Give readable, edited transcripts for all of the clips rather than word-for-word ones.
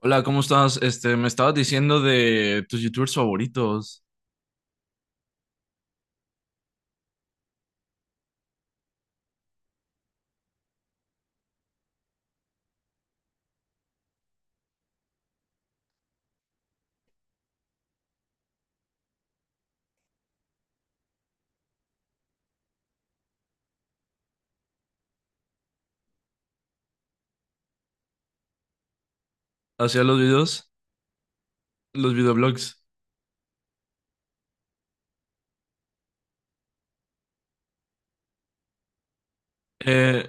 Hola, ¿cómo estás? Me estabas diciendo de tus youtubers favoritos. Hacía los videos, los videoblogs. Eh,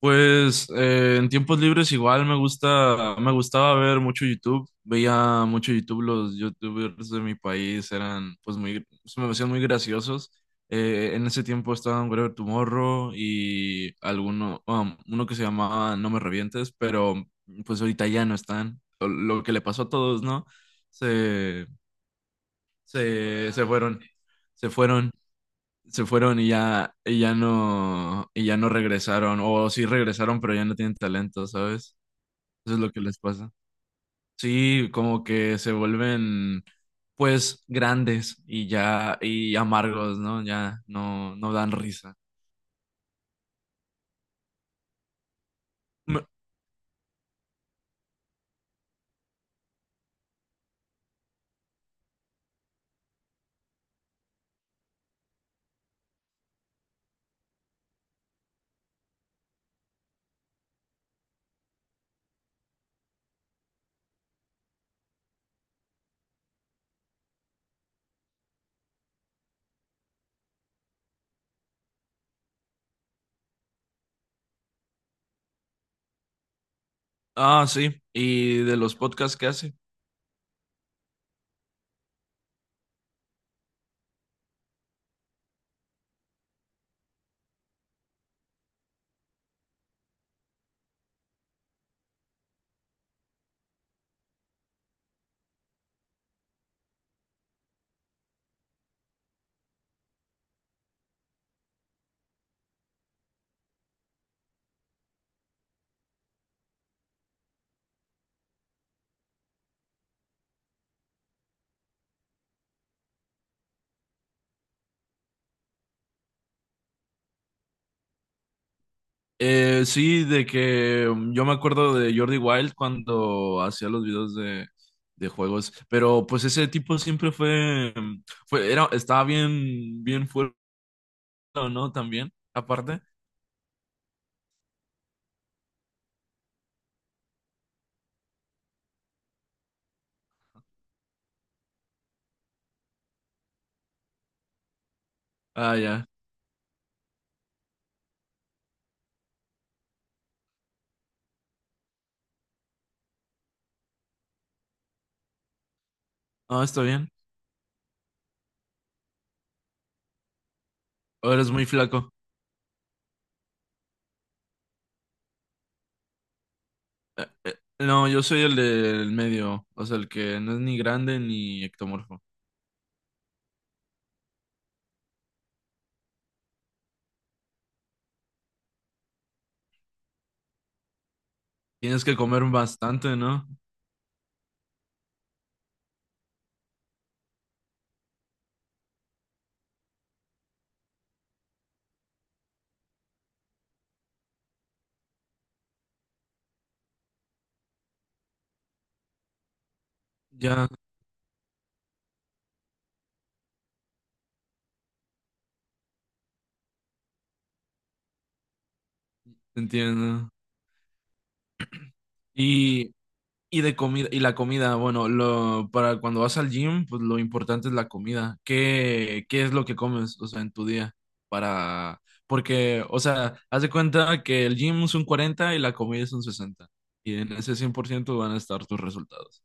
en tiempos libres igual me gusta, me gustaba ver mucho YouTube. Veía mucho YouTube, los youtubers de mi país eran pues muy, se me hacían muy graciosos. En ese tiempo estaban Whatever Tomorrow y alguno, uno que se llamaba No me revientes, pero pues ahorita ya no están. Lo que le pasó a todos, ¿no? Se se fueron, se fueron, se fueron y ya no regresaron. O sí regresaron, pero ya no tienen talento, ¿sabes? Eso es lo que les pasa. Sí, como que se vuelven pues grandes y ya, y amargos, ¿no? Ya no, no dan risa. Me- Ah, sí. ¿Y de los podcasts que hace? Sí, de que yo me acuerdo de Jordi Wild cuando hacía los videos de juegos, pero pues ese tipo siempre fue, era, estaba bien, bien fuerte, ¿no? También, aparte. Ah, ya. Ah, está bien. O eres muy flaco. Eh, eh, no, yo soy el del medio, o sea, el que no es ni grande ni ectomorfo. Tienes que comer bastante, ¿no? Ya, entiendo. Y Y de comida, y la comida, bueno, lo, para cuando vas al gym, pues lo importante es la comida. ¿Qué, qué es lo que comes, o sea, en tu día? Para, porque, o sea, haz de cuenta que el gym es un 40 y la comida es un 60. Y en ese 100% van a estar tus resultados.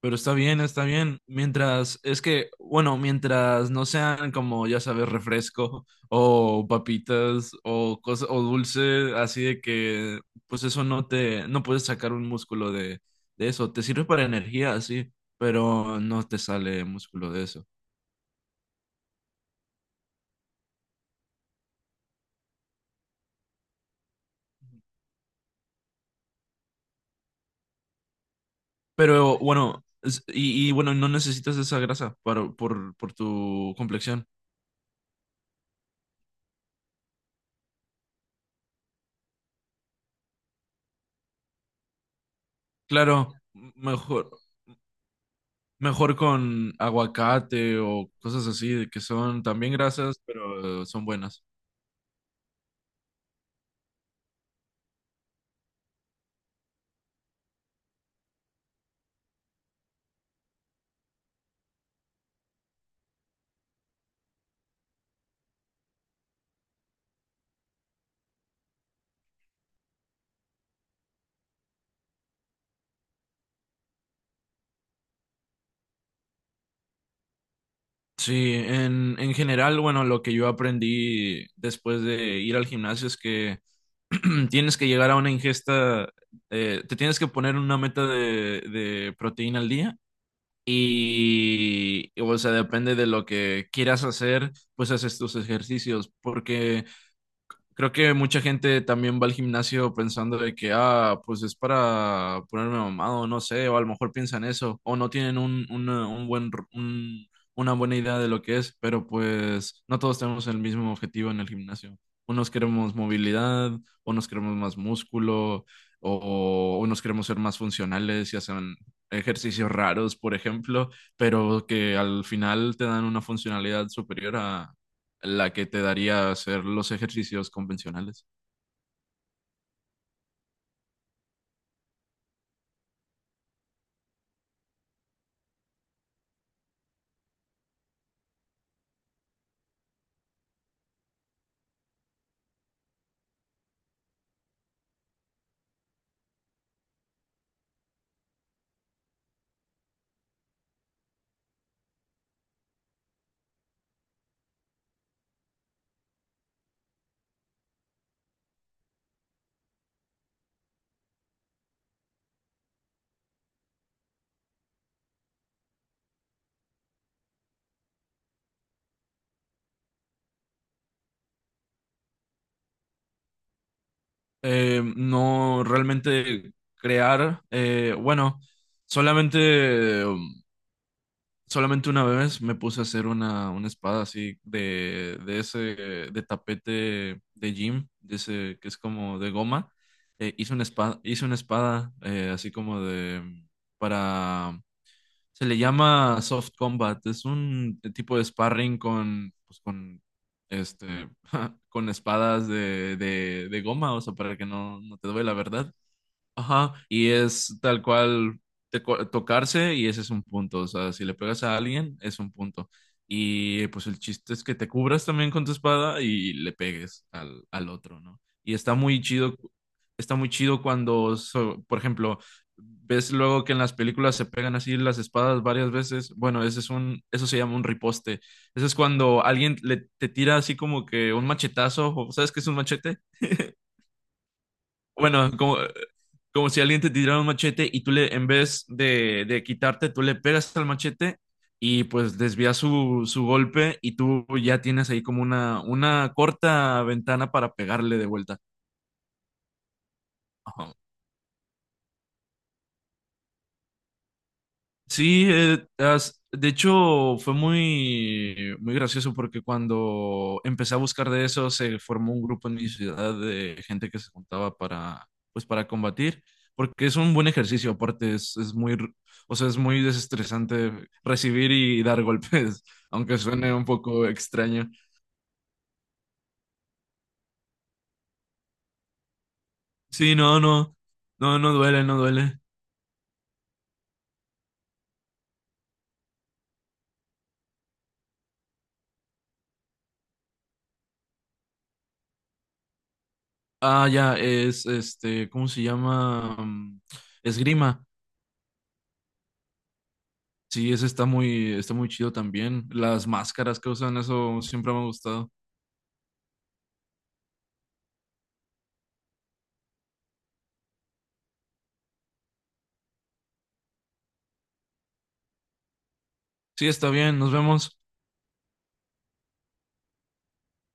Pero está bien, está bien. Mientras, es que, bueno, mientras no sean como, ya sabes, refresco o papitas o cosa, o dulce, así de que, pues eso no te, no puedes sacar un músculo de eso. Te sirve para energía, sí, pero no te sale músculo de eso. Pero bueno, y bueno, no necesitas esa grasa para, por tu complexión. Claro, mejor. Mejor con aguacate o cosas así, de que son también grasas, pero son buenas. Sí, en general, bueno, lo que yo aprendí después de ir al gimnasio es que tienes que llegar a una ingesta, te tienes que poner una meta de proteína al día y, o sea, depende de lo que quieras hacer, pues haces tus ejercicios, porque creo que mucha gente también va al gimnasio pensando de que, ah, pues es para ponerme mamado, no sé, o a lo mejor piensan eso, o no tienen un, una, un buen, una buena idea de lo que es, pero pues no todos tenemos el mismo objetivo en el gimnasio. Unos queremos movilidad, unos queremos más músculo, o unos queremos ser más funcionales y hacen ejercicios raros, por ejemplo, pero que al final te dan una funcionalidad superior la que te daría hacer los ejercicios convencionales. No realmente crear, bueno, solamente, solamente una vez me puse a hacer una espada así de ese, de tapete de gym, de ese que es como de goma. Hice una espada, hice una espada así como de, para se le llama soft combat. Es un tipo de sparring con, pues, con, este, con espadas de goma, o sea, para que no, no te duele la verdad. Ajá, y es tal cual tocarse y ese es un punto. O sea, si le pegas a alguien, es un punto. Y pues el chiste es que te cubras también con tu espada y le pegues al, al otro, ¿no? Y está muy chido cuando, por ejemplo, ves luego que en las películas se pegan así las espadas varias veces. Bueno, ese es un, eso se llama un riposte. Eso es cuando alguien le, te tira así como que un machetazo, ¿sabes qué es un machete? Bueno, como, como si alguien te tirara un machete y tú le, en vez de quitarte, tú le pegas al machete y pues desvías su, su golpe y tú ya tienes ahí como una corta ventana para pegarle de vuelta. Sí, de hecho fue muy, muy gracioso porque cuando empecé a buscar de eso se formó un grupo en mi ciudad de gente que se juntaba para, pues, para combatir, porque es un buen ejercicio, aparte es muy, o sea, es muy desestresante recibir y dar golpes, aunque suene un poco extraño. Sí, no, no, no, no duele, no duele. Ah, ya, es este, ¿cómo se llama? Esgrima. Sí, ese está muy chido también. Las máscaras que usan, eso siempre me ha gustado. Sí, está bien, nos vemos.